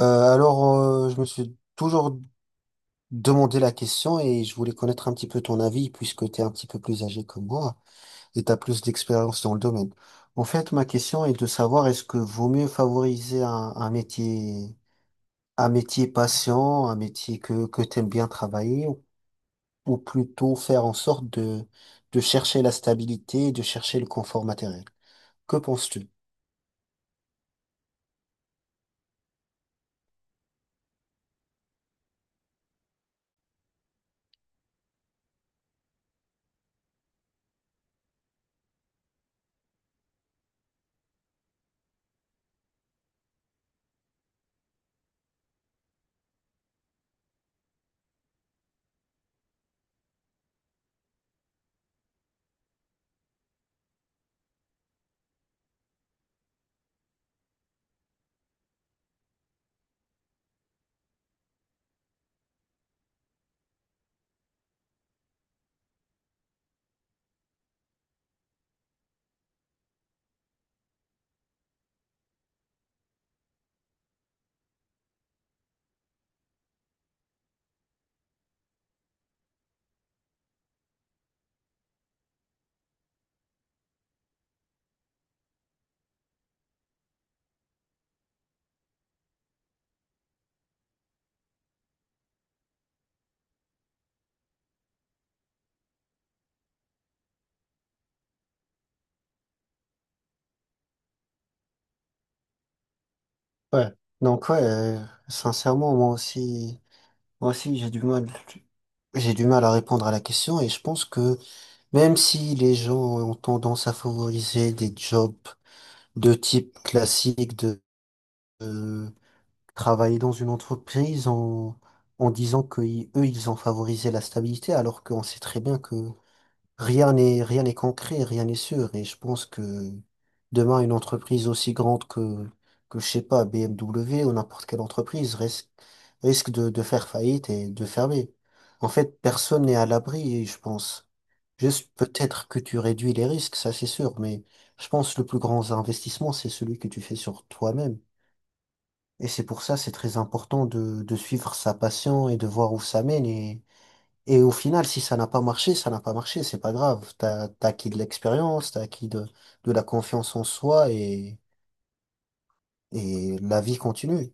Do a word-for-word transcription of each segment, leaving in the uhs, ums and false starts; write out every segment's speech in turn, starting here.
Euh, alors, euh, je me suis toujours demandé la question et je voulais connaître un petit peu ton avis puisque tu es un petit peu plus âgé que moi et tu as plus d'expérience dans le domaine. En fait, ma question est de savoir est-ce que vaut mieux favoriser un, un métier, un métier patient, un métier que, que tu aimes bien travailler ou, ou plutôt faire en sorte de, de chercher la stabilité, et de chercher le confort matériel. Que penses-tu? Ouais. Donc, ouais, euh, sincèrement, moi aussi. Moi aussi, j'ai du mal. J'ai du mal à répondre à la question et je pense que même si les gens ont tendance à favoriser des jobs de type classique de euh, travailler dans une entreprise en, en disant que ils- eux, ils ont favorisé la stabilité alors qu'on sait très bien que Rien n'est, rien n'est concret, rien n'est sûr. Et je pense que demain, une entreprise aussi grande que, que je sais pas, B M W ou n'importe quelle entreprise risque, risque de, de faire faillite et de fermer. En fait, personne n'est à l'abri, je pense. Juste peut-être que tu réduis les risques, ça c'est sûr, mais je pense que le plus grand investissement, c'est celui que tu fais sur toi-même. Et c'est pour ça, c'est très important de, de suivre sa passion et de voir où ça mène. Et, et au final, si ça n'a pas marché, ça n'a pas marché, c'est pas grave. T'as, t'as acquis de l'expérience, t'as acquis de, de la confiance en soi et, et la vie continue.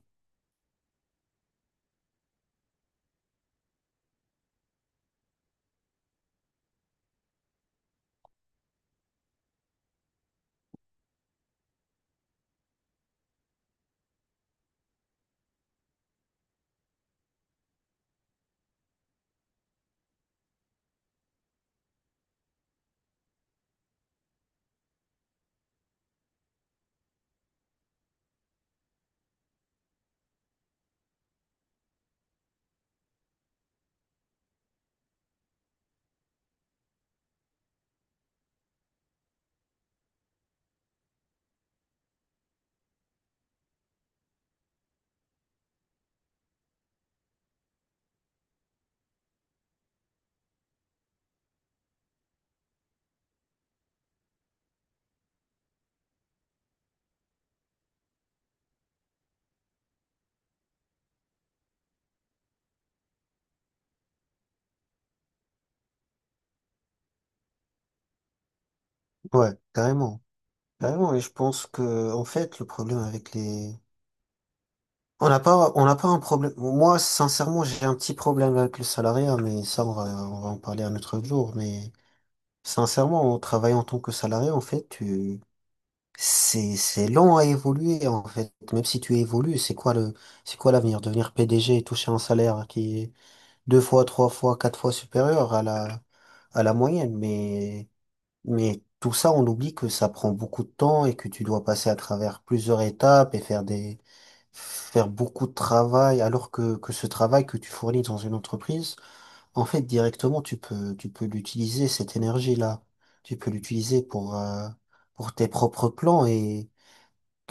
Ouais, carrément. Carrément. Et je pense que, en fait, le problème avec les, on n'a pas, on n'a pas un problème. Moi, sincèrement, j'ai un petit problème avec le salariat, mais ça, on va, on va en parler un autre jour. Mais sincèrement, en travaillant en tant que salarié, en fait, tu C'est, c'est long à évoluer en fait. Même si tu évolues, c'est quoi le, c'est quoi l'avenir? Devenir P D G et toucher un salaire qui est deux fois, trois fois, quatre fois supérieur à la, à la moyenne. Mais, mais tout ça, on oublie que ça prend beaucoup de temps et que tu dois passer à travers plusieurs étapes et faire des, faire beaucoup de travail. Alors que, que ce travail que tu fournis dans une entreprise, en fait, directement, tu peux, tu peux l'utiliser, cette énergie-là. Tu peux l'utiliser pour, euh, pour tes propres plans.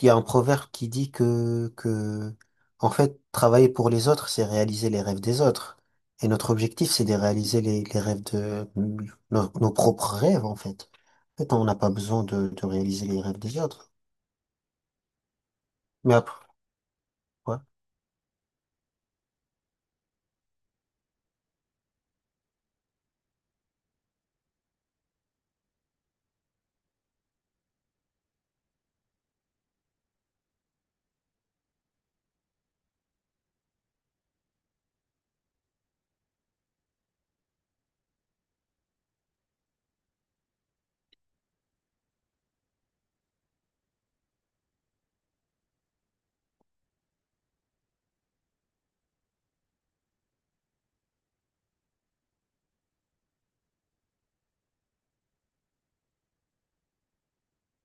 Il y a un proverbe qui dit que, que, en fait, travailler pour les autres, c'est réaliser les rêves des autres. Et notre objectif, c'est de réaliser les, les rêves de nos, nos propres rêves, en fait. En fait, on n'a pas besoin de, de réaliser les rêves des autres. Mais après, ouais,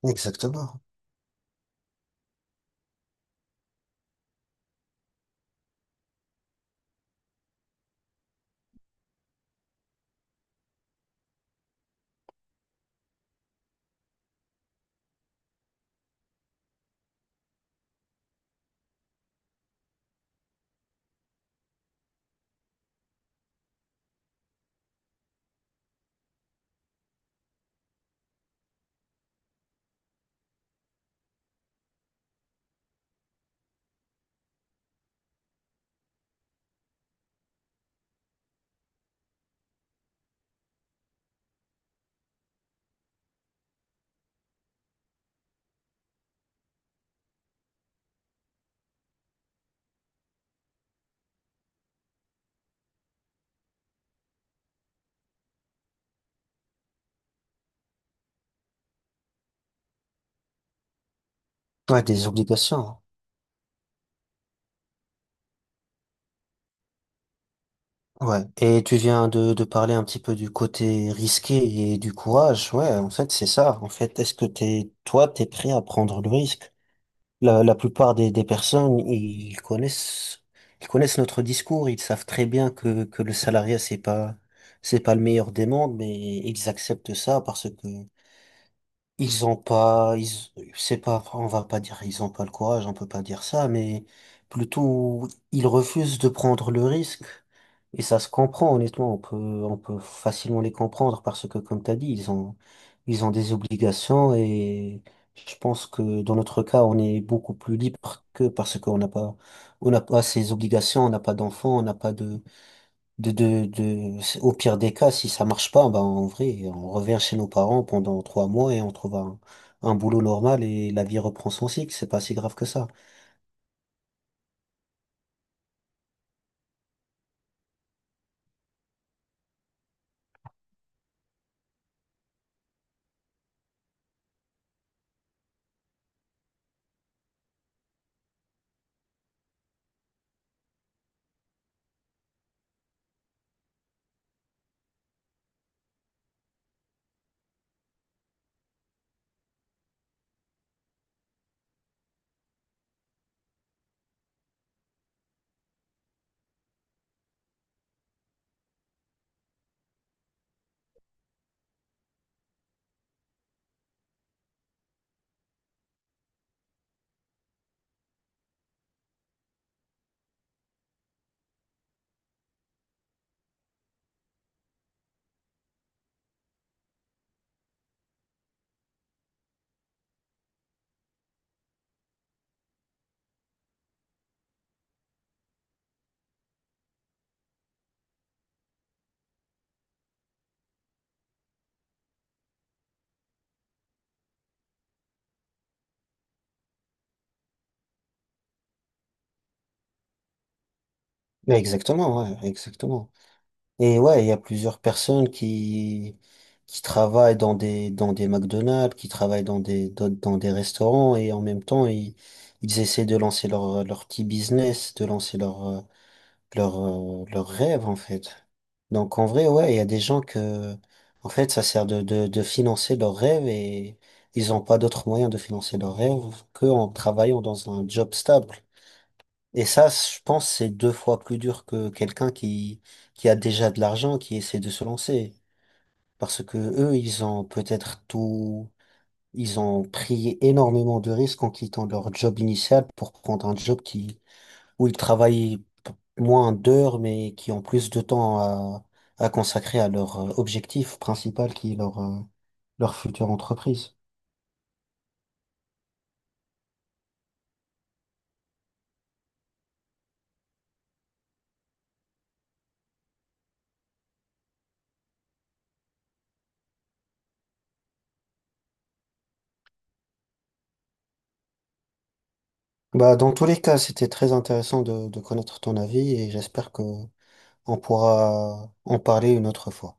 exactement. Ouais, des obligations. Hein. Ouais. Et tu viens de, de parler un petit peu du côté risqué et du courage. Ouais, en fait, c'est ça. En fait, est-ce que t'es, toi, t'es prêt à prendre le risque? La, la plupart des, des personnes, ils connaissent, ils connaissent notre discours, ils savent très bien que, que le salariat, c'est pas, c'est pas le meilleur des mondes, mais ils acceptent ça parce que ils ont pas, ils, c'est pas, on va pas dire ils ont pas le courage, on peut pas dire ça, mais plutôt ils refusent de prendre le risque. Et ça se comprend, honnêtement, on peut, on peut facilement les comprendre parce que, comme t'as dit, ils ont, ils ont des obligations et je pense que dans notre cas, on est beaucoup plus libre que parce qu'on n'a pas, on n'a pas ces obligations, on n'a pas d'enfants, on n'a pas de, de, de, de, au pire des cas, si ça marche pas, ben, en vrai, on revient chez nos parents pendant trois mois et on trouve un, un boulot normal et la vie reprend son cycle. C'est pas si grave que ça. Mais exactement, ouais, exactement. Et ouais, il y a plusieurs personnes qui, qui travaillent dans des, dans des McDonald's, qui travaillent dans des, dans, dans des restaurants et en même temps, ils, ils essaient de lancer leur, leur petit business, de lancer leur, euh, leur, euh, leur rêve en fait. Donc en vrai, ouais, il y a des gens que, en fait, ça sert de, de, de financer leurs rêves et ils n'ont pas d'autre moyen de financer leurs rêves qu'en travaillant dans un job stable. Et ça, je pense, c'est deux fois plus dur que quelqu'un qui, qui a déjà de l'argent, qui essaie de se lancer. Parce que eux, ils ont peut-être tout, ils ont pris énormément de risques en quittant leur job initial pour prendre un job qui, où ils travaillent p- moins d'heures, mais qui ont plus de temps à, à consacrer à leur euh, objectif principal qui est leur, euh, leur future entreprise. Bah, dans tous les cas, c'était très intéressant de, de connaître ton avis et j'espère que on pourra en parler une autre fois.